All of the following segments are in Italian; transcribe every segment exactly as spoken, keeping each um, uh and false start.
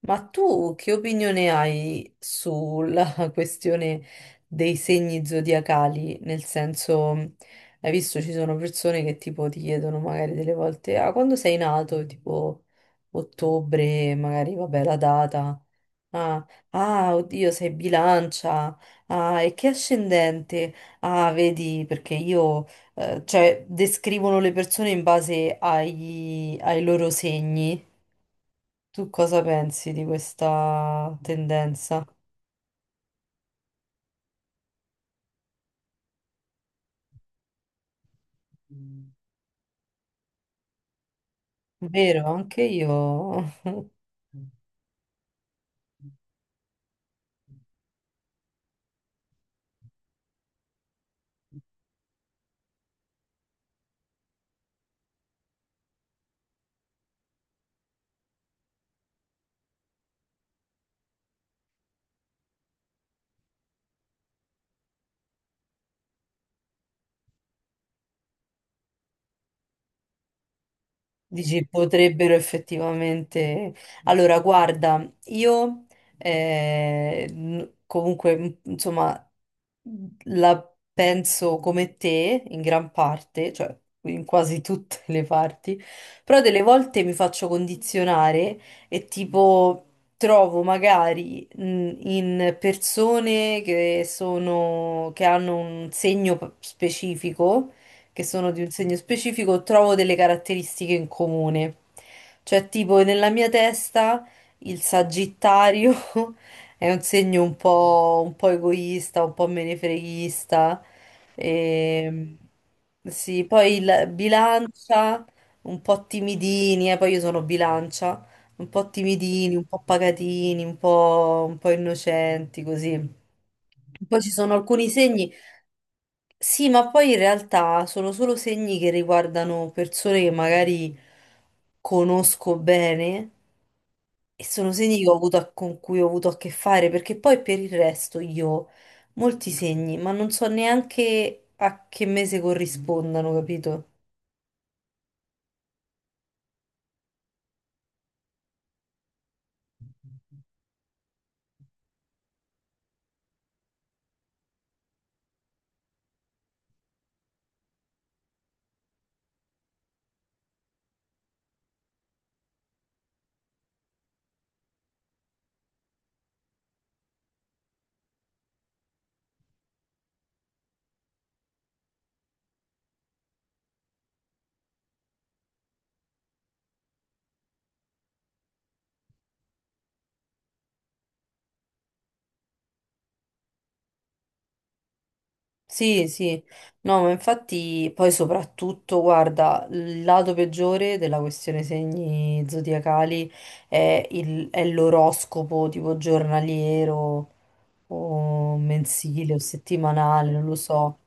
Ma tu che opinione hai sulla questione dei segni zodiacali? Nel senso, hai visto ci sono persone che tipo ti chiedono magari delle volte, ah, quando sei nato? Tipo ottobre, magari vabbè la data. Ah, ah, oddio, sei bilancia. Ah, e che ascendente? Ah, vedi, perché io, eh, cioè, descrivono le persone in base ai ai loro segni. Tu cosa pensi di questa tendenza? Vero, anche io. Dici, potrebbero effettivamente... Allora, guarda, io eh, n- comunque, m- insomma, la penso come te in gran parte, cioè in quasi tutte le parti, però delle volte mi faccio condizionare e tipo trovo magari mh, in persone che sono, che hanno un segno p- specifico che sono di un segno specifico, trovo delle caratteristiche in comune. Cioè, tipo, nella mia testa il Sagittario è un segno un po', un po' egoista, un po' menefreghista. E, sì, poi il bilancia, un po' timidini, eh, poi io sono bilancia, un po' timidini, un po' pacatini, un po', un po' innocenti, così. Poi ci sono alcuni segni, sì, ma poi in realtà sono solo segni che riguardano persone che magari conosco bene e sono segni che ho avuto a- con cui ho avuto a che fare, perché poi per il resto io molti segni, ma non so neanche a che mese corrispondano, capito? Sì, sì, no, ma infatti poi soprattutto, guarda, il lato peggiore della questione segni zodiacali è il- è l'oroscopo tipo giornaliero o mensile o settimanale, non lo so.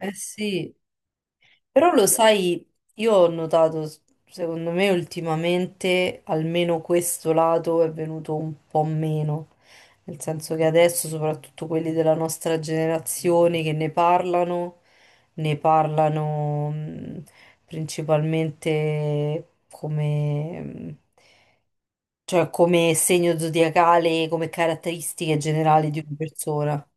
Eh sì. Però lo sai, io ho notato, s- secondo me ultimamente almeno questo lato è venuto un po' meno, nel senso che adesso soprattutto quelli della nostra generazione che ne parlano, ne parlano mh, principalmente come... mh, cioè come segno zodiacale, come caratteristiche generali di una persona.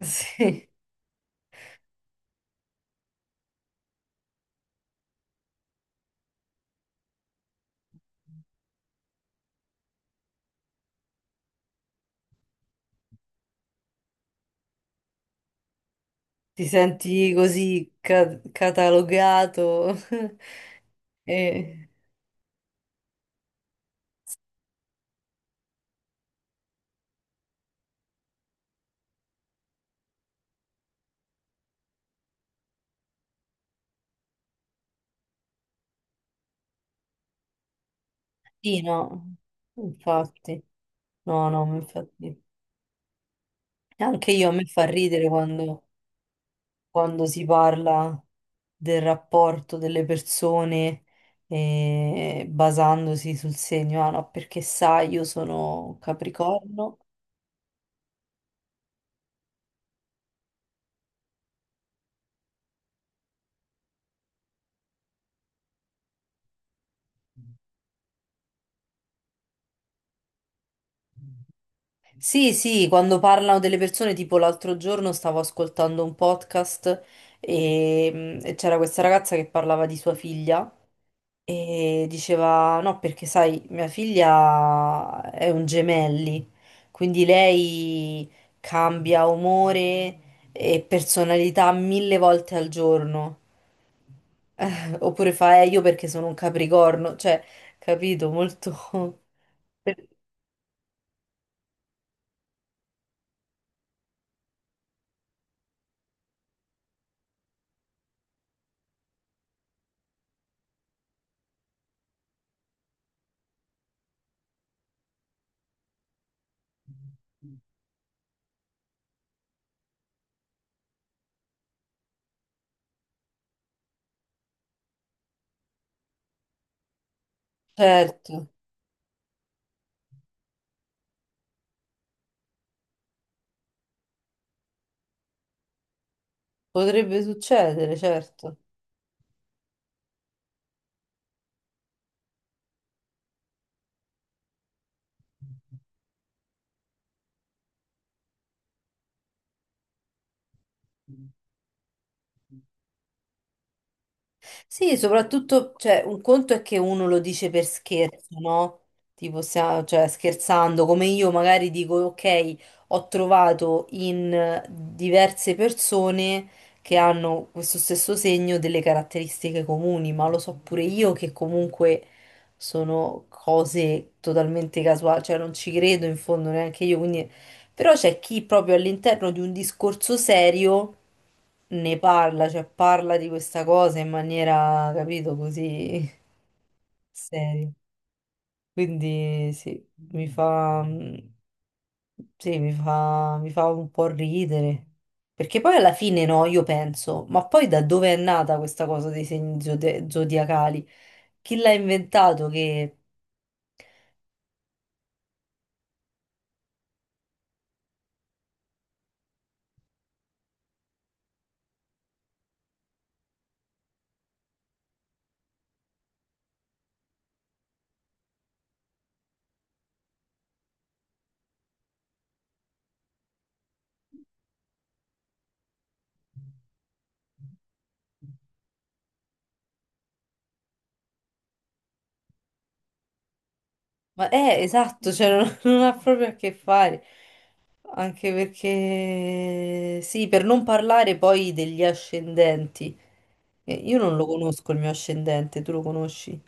Sì. Ti senti così ca- catalogato? E... Sì, no, infatti. No, no, ma infatti. Anche io a me fa ridere quando, quando si parla del rapporto delle persone eh, basandosi sul segno. Ah, no, perché sai, io sono Capricorno. Sì, sì, quando parlano delle persone, tipo l'altro giorno stavo ascoltando un podcast e, mm, e c'era questa ragazza che parlava di sua figlia e diceva, no, perché sai, mia figlia è un gemelli, quindi lei cambia umore e personalità mille volte al giorno. Eh, oppure fa, eh, io perché sono un capricorno, cioè, capito, molto... Certo, potrebbe succedere, certo. Sì, soprattutto, cioè, un conto è che uno lo dice per scherzo, no? Tipo, stia- cioè, scherzando, come io magari dico, ok, ho trovato in eh, diverse persone che hanno questo stesso segno delle caratteristiche comuni, ma lo so pure io che comunque sono cose totalmente casuali, cioè non ci credo in fondo neanche io, quindi però c'è chi proprio all'interno di un discorso serio ne parla, cioè parla di questa cosa in maniera, capito, così seria. Quindi sì, mi fa, sì, mi fa, mi fa un po' ridere. Perché poi alla fine no, io penso, ma poi da dove è nata questa cosa dei segni zode- zodiacali? Chi l'ha inventato che... Ma eh, esatto, cioè non, non ha proprio a che fare. Anche perché, sì, per non parlare poi degli ascendenti. Eh, Io non lo conosco il mio ascendente, tu lo conosci?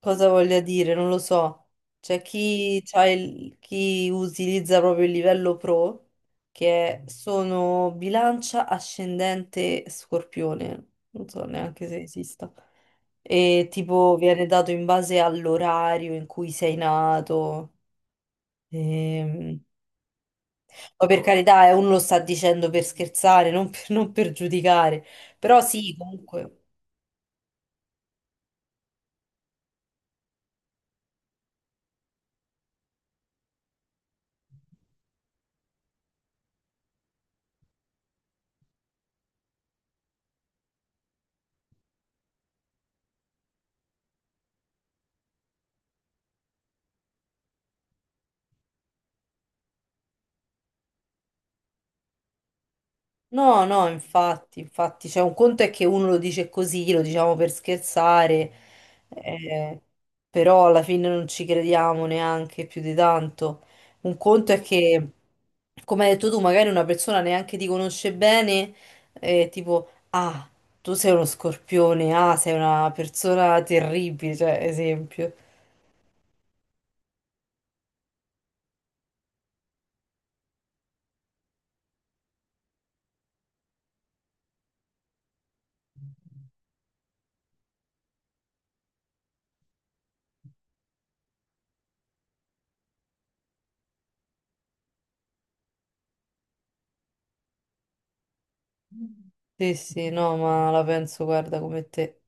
Cosa voglia dire? Non lo so. C'è chi, c'ha il- chi utilizza proprio il livello pro, che è- sono bilancia, ascendente, scorpione. Non so neanche se esista. E tipo viene dato in base all'orario in cui sei nato. Ehm, Poi per carità, eh, uno lo sta dicendo per scherzare, non per, non per giudicare. Però sì, comunque. No, no, infatti, infatti, cioè un conto è che uno lo dice così, lo diciamo per scherzare, eh, però alla fine non ci crediamo neanche più di tanto. Un conto è che, come hai detto tu, magari una persona neanche ti conosce bene, eh, tipo, ah, tu sei uno scorpione, ah, sei una persona terribile, cioè, esempio. Sì, sì, no, ma la penso, guarda, come te.